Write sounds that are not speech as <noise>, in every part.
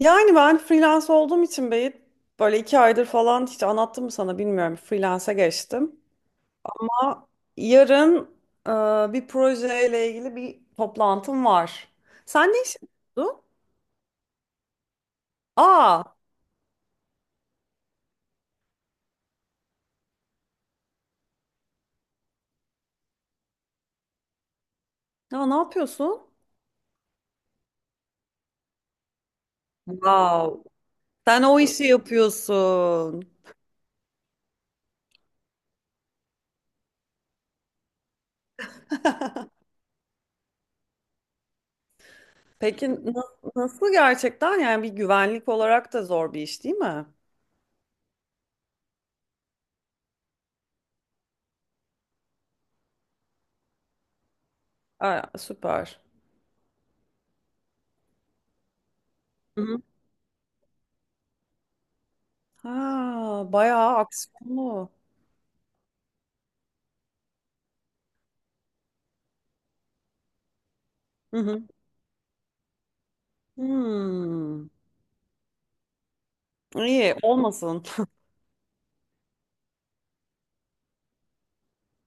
Yani ben freelance olduğum için Beyit, böyle 2 aydır falan hiç anlattım mı sana bilmiyorum, freelance'e geçtim. Ama yarın bir projeyle ilgili bir toplantım var. Sen ne iş yapıyorsun? Aa, ya ne yapıyorsun? Wow. Sen o işi yapıyorsun. Peki nasıl gerçekten, yani bir güvenlik olarak da zor bir iş değil mi? Aa, süper. Hı hı. Ha, bayağı aksiyonlu. Hı hı. Hmm. İyi olmasın.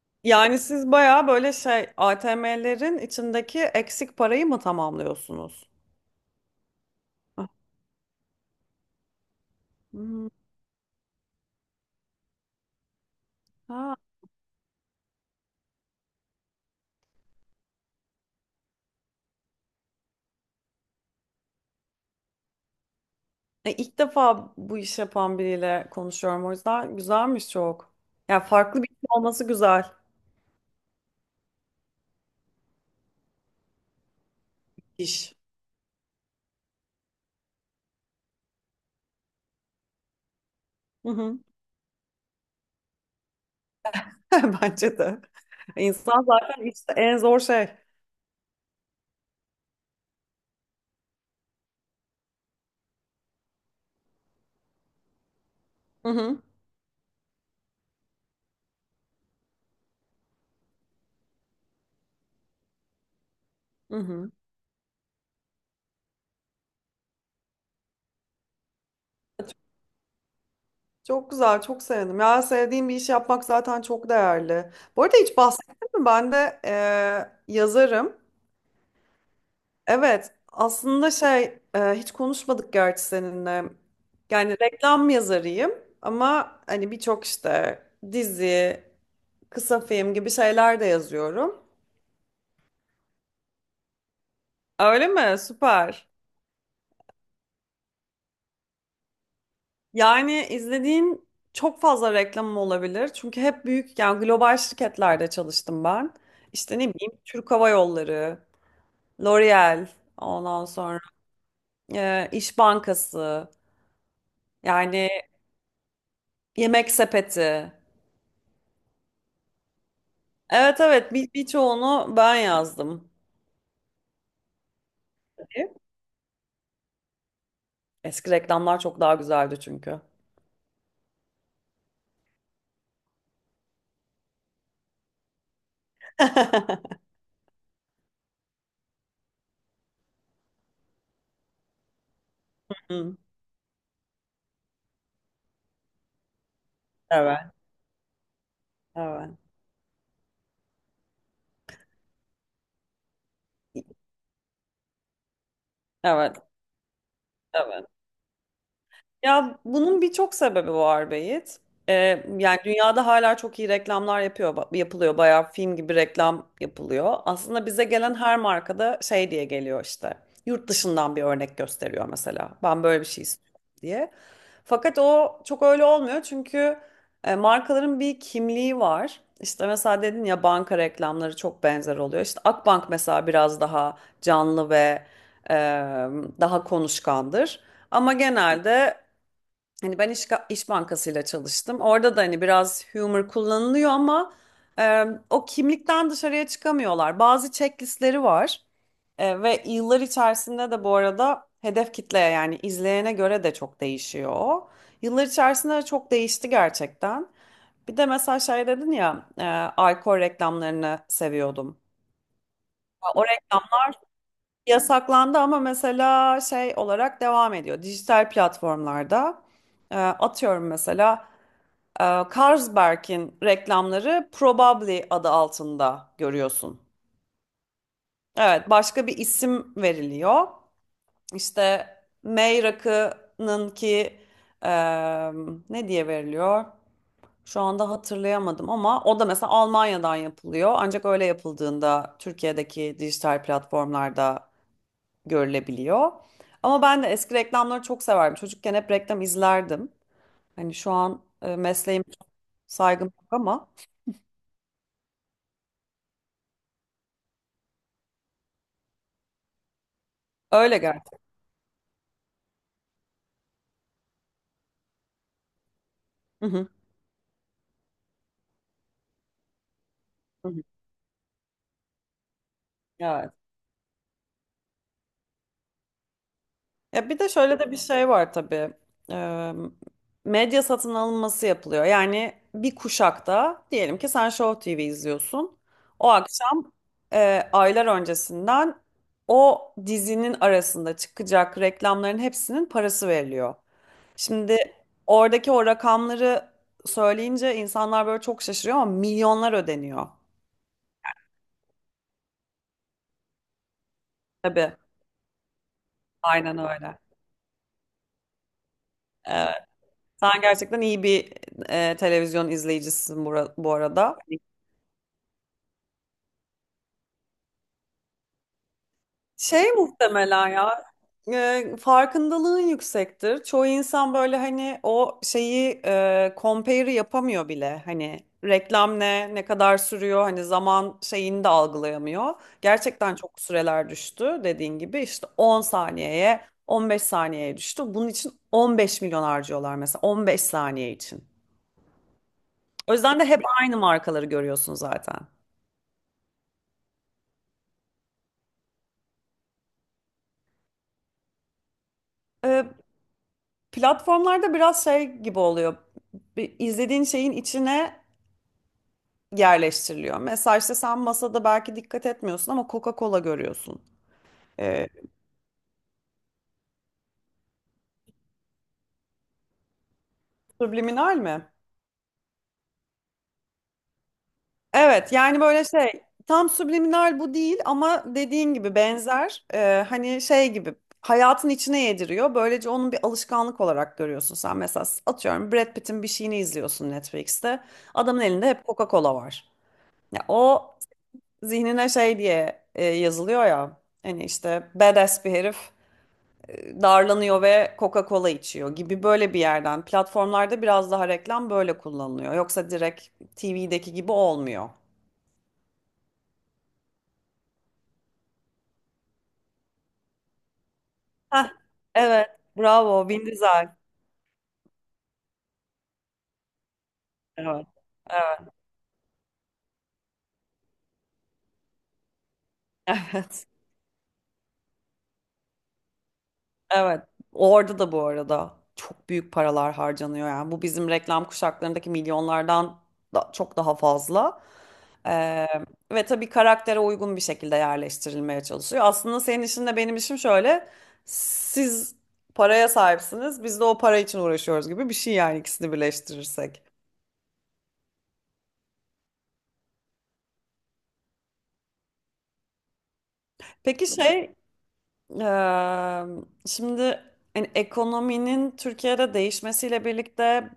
<laughs> Yani siz bayağı böyle şey ATM'lerin içindeki eksik parayı mı tamamlıyorsunuz? Ah, hmm, ha. E, ilk defa bu iş yapan biriyle konuşuyorum, o yüzden güzelmiş çok. Ya farklı bir iş olması güzel. İş Hı hı. <laughs> Bence de. İnsan zaten işte en zor şey. Hı hı. Hı hı. E, çok, çok güzel, çok sevindim. Ya sevdiğim bir iş yapmak zaten çok değerli. Bu arada hiç bahsettim mi? Ben de yazarım. Evet, aslında şey hiç konuşmadık gerçi seninle. Yani reklam yazarıyım, ama hani birçok işte dizi, kısa film gibi şeyler de yazıyorum. Öyle mi? Süper. Yani izlediğin çok fazla reklamım olabilir. Çünkü hep büyük, yani global şirketlerde çalıştım ben. İşte ne bileyim Türk Hava Yolları, L'Oreal, ondan sonra İş Bankası, yani Yemek Sepeti. Evet, evet, birçoğunu ben yazdım. Eski reklamlar çok daha güzeldi çünkü. <laughs> Hı, evet, evet, evet, evet. Ya bunun birçok sebebi var Beyit. Yani dünyada hala çok iyi reklamlar yapıyor, yapılıyor. Bayağı film gibi reklam yapılıyor. Aslında bize gelen her markada şey diye geliyor işte. Yurt dışından bir örnek gösteriyor mesela. Ben böyle bir şey istiyorum diye. Fakat o çok öyle olmuyor çünkü markaların bir kimliği var. İşte mesela dedin ya, banka reklamları çok benzer oluyor. İşte Akbank mesela biraz daha canlı ve e, daha konuşkandır. Ama genelde, hani ben iş, iş Bankasıyla çalıştım. Orada da hani biraz humor kullanılıyor ama o kimlikten dışarıya çıkamıyorlar. Bazı checklistleri var. Ve yıllar içerisinde de, bu arada, hedef kitleye, yani izleyene göre de çok değişiyor. O. Yıllar içerisinde de çok değişti gerçekten. Bir de mesela şey dedin ya, alkol reklamlarını seviyordum. O reklam yasaklandı ama mesela şey olarak devam ediyor. Dijital platformlarda atıyorum mesela e, Carlsberg'in reklamları Probably adı altında görüyorsun. Evet, başka bir isim veriliyor. İşte May rakının ki e, ne diye veriliyor? Şu anda hatırlayamadım ama o da mesela Almanya'dan yapılıyor. Ancak öyle yapıldığında Türkiye'deki dijital platformlarda görülebiliyor. Ama ben de eski reklamları çok severdim. Çocukken hep reklam izlerdim. Hani şu an mesleğim, saygım yok ama öyle gerçekten. Hı hı. Evet. Ya bir de şöyle de bir şey var tabii. Ee, Medya satın alınması yapılıyor. Yani bir kuşakta diyelim ki sen Show TV izliyorsun. O akşam aylar öncesinden, o dizinin arasında çıkacak reklamların hepsinin parası veriliyor. Şimdi oradaki o rakamları söyleyince insanlar böyle çok şaşırıyor, ama milyonlar ödeniyor. Tabii. Aynen öyle. Sen gerçekten iyi bir televizyon izleyicisisin, bu arada. Şey, muhtemelen ya farkındalığın yüksektir. Çoğu insan böyle, hani o şeyi compare'ı yapamıyor bile. Hani reklam ne kadar sürüyor, hani zaman şeyini de algılayamıyor. Gerçekten çok süreler düştü, dediğin gibi işte 10 saniyeye, 15 saniyeye düştü. Bunun için 15 milyon harcıyorlar mesela, 15 saniye için. O yüzden de hep aynı markaları görüyorsun zaten. Ee, Platformlarda biraz şey gibi oluyor. Bir izlediğin şeyin içine yerleştiriliyor. Mesela işte sen masada belki dikkat etmiyorsun ama Coca-Cola görüyorsun. Ee, subliminal mi? Evet, yani böyle şey, tam subliminal bu değil ama dediğin gibi benzer. Hani şey gibi hayatın içine yediriyor. Böylece onun bir alışkanlık olarak görüyorsun sen. Mesela atıyorum Brad Pitt'in bir şeyini izliyorsun Netflix'te. Adamın elinde hep Coca-Cola var. Ya o zihnine şey diye yazılıyor ya. Hani işte badass bir herif darlanıyor ve Coca-Cola içiyor gibi, böyle bir yerden. Platformlarda biraz daha reklam böyle kullanılıyor. Yoksa direkt TV'deki gibi olmuyor. Heh, evet. Bravo. Vin Diesel. Evet. Evet. <laughs> Evet. Evet. Orada da bu arada çok büyük paralar harcanıyor yani. Bu bizim reklam kuşaklarındaki milyonlardan da çok daha fazla. Ee, ve tabii karaktere uygun bir şekilde yerleştirilmeye çalışıyor. Aslında senin işin de benim işim şöyle. Siz paraya sahipsiniz. Biz de o para için uğraşıyoruz, gibi bir şey yani, ikisini birleştirirsek. Peki şey, eee, şimdi hani ekonominin Türkiye'de değişmesiyle birlikte,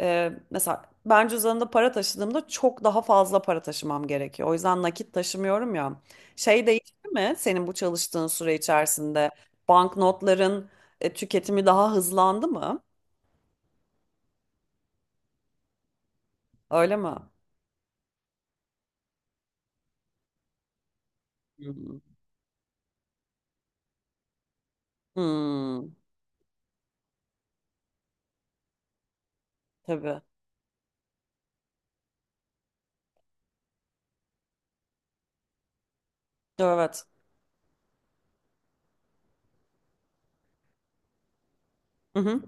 Mesela ben cüzdanımda para taşıdığımda çok daha fazla para taşımam gerekiyor. O yüzden nakit taşımıyorum ya. Şey değişti mi senin bu çalıştığın süre içerisinde? Banknotların tüketimi daha hızlandı mı? Öyle mi? Hmm. Hmm, tabii. Evet. Hı hı.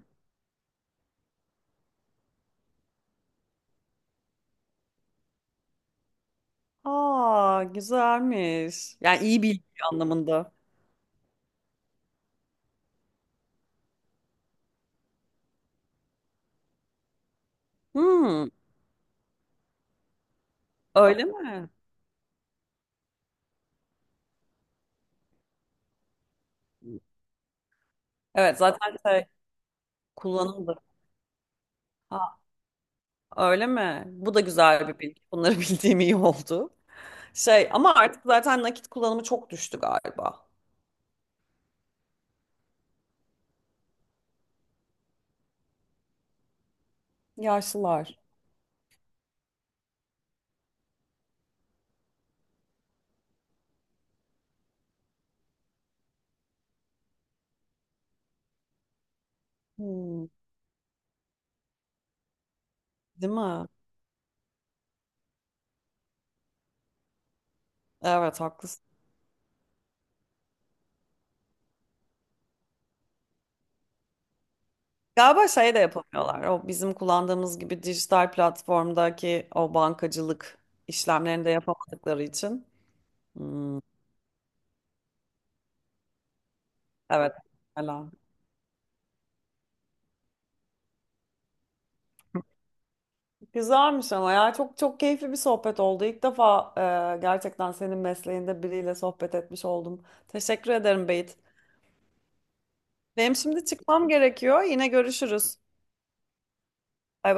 Aa, güzelmiş. Yani iyi bilgi anlamında. Hmm, öyle mi? Evet, zaten şey, kullanıldı. Ha, öyle mi? Bu da güzel bir bilgi. Bunları <laughs> bildiğim iyi oldu. Şey ama artık zaten nakit kullanımı çok düştü galiba. Yaşlılar. Hmm, değil mi? Evet, haklısın. Galiba şey de yapamıyorlar. O bizim kullandığımız gibi dijital platformdaki o bankacılık işlemlerini de yapamadıkları için. Hmm, evet. Hala. Güzelmiş ama ya, çok çok keyifli bir sohbet oldu. İlk defa gerçekten senin mesleğinde biriyle sohbet etmiş oldum. Teşekkür ederim Beyt. Benim şimdi çıkmam gerekiyor. Yine görüşürüz. Bay bay.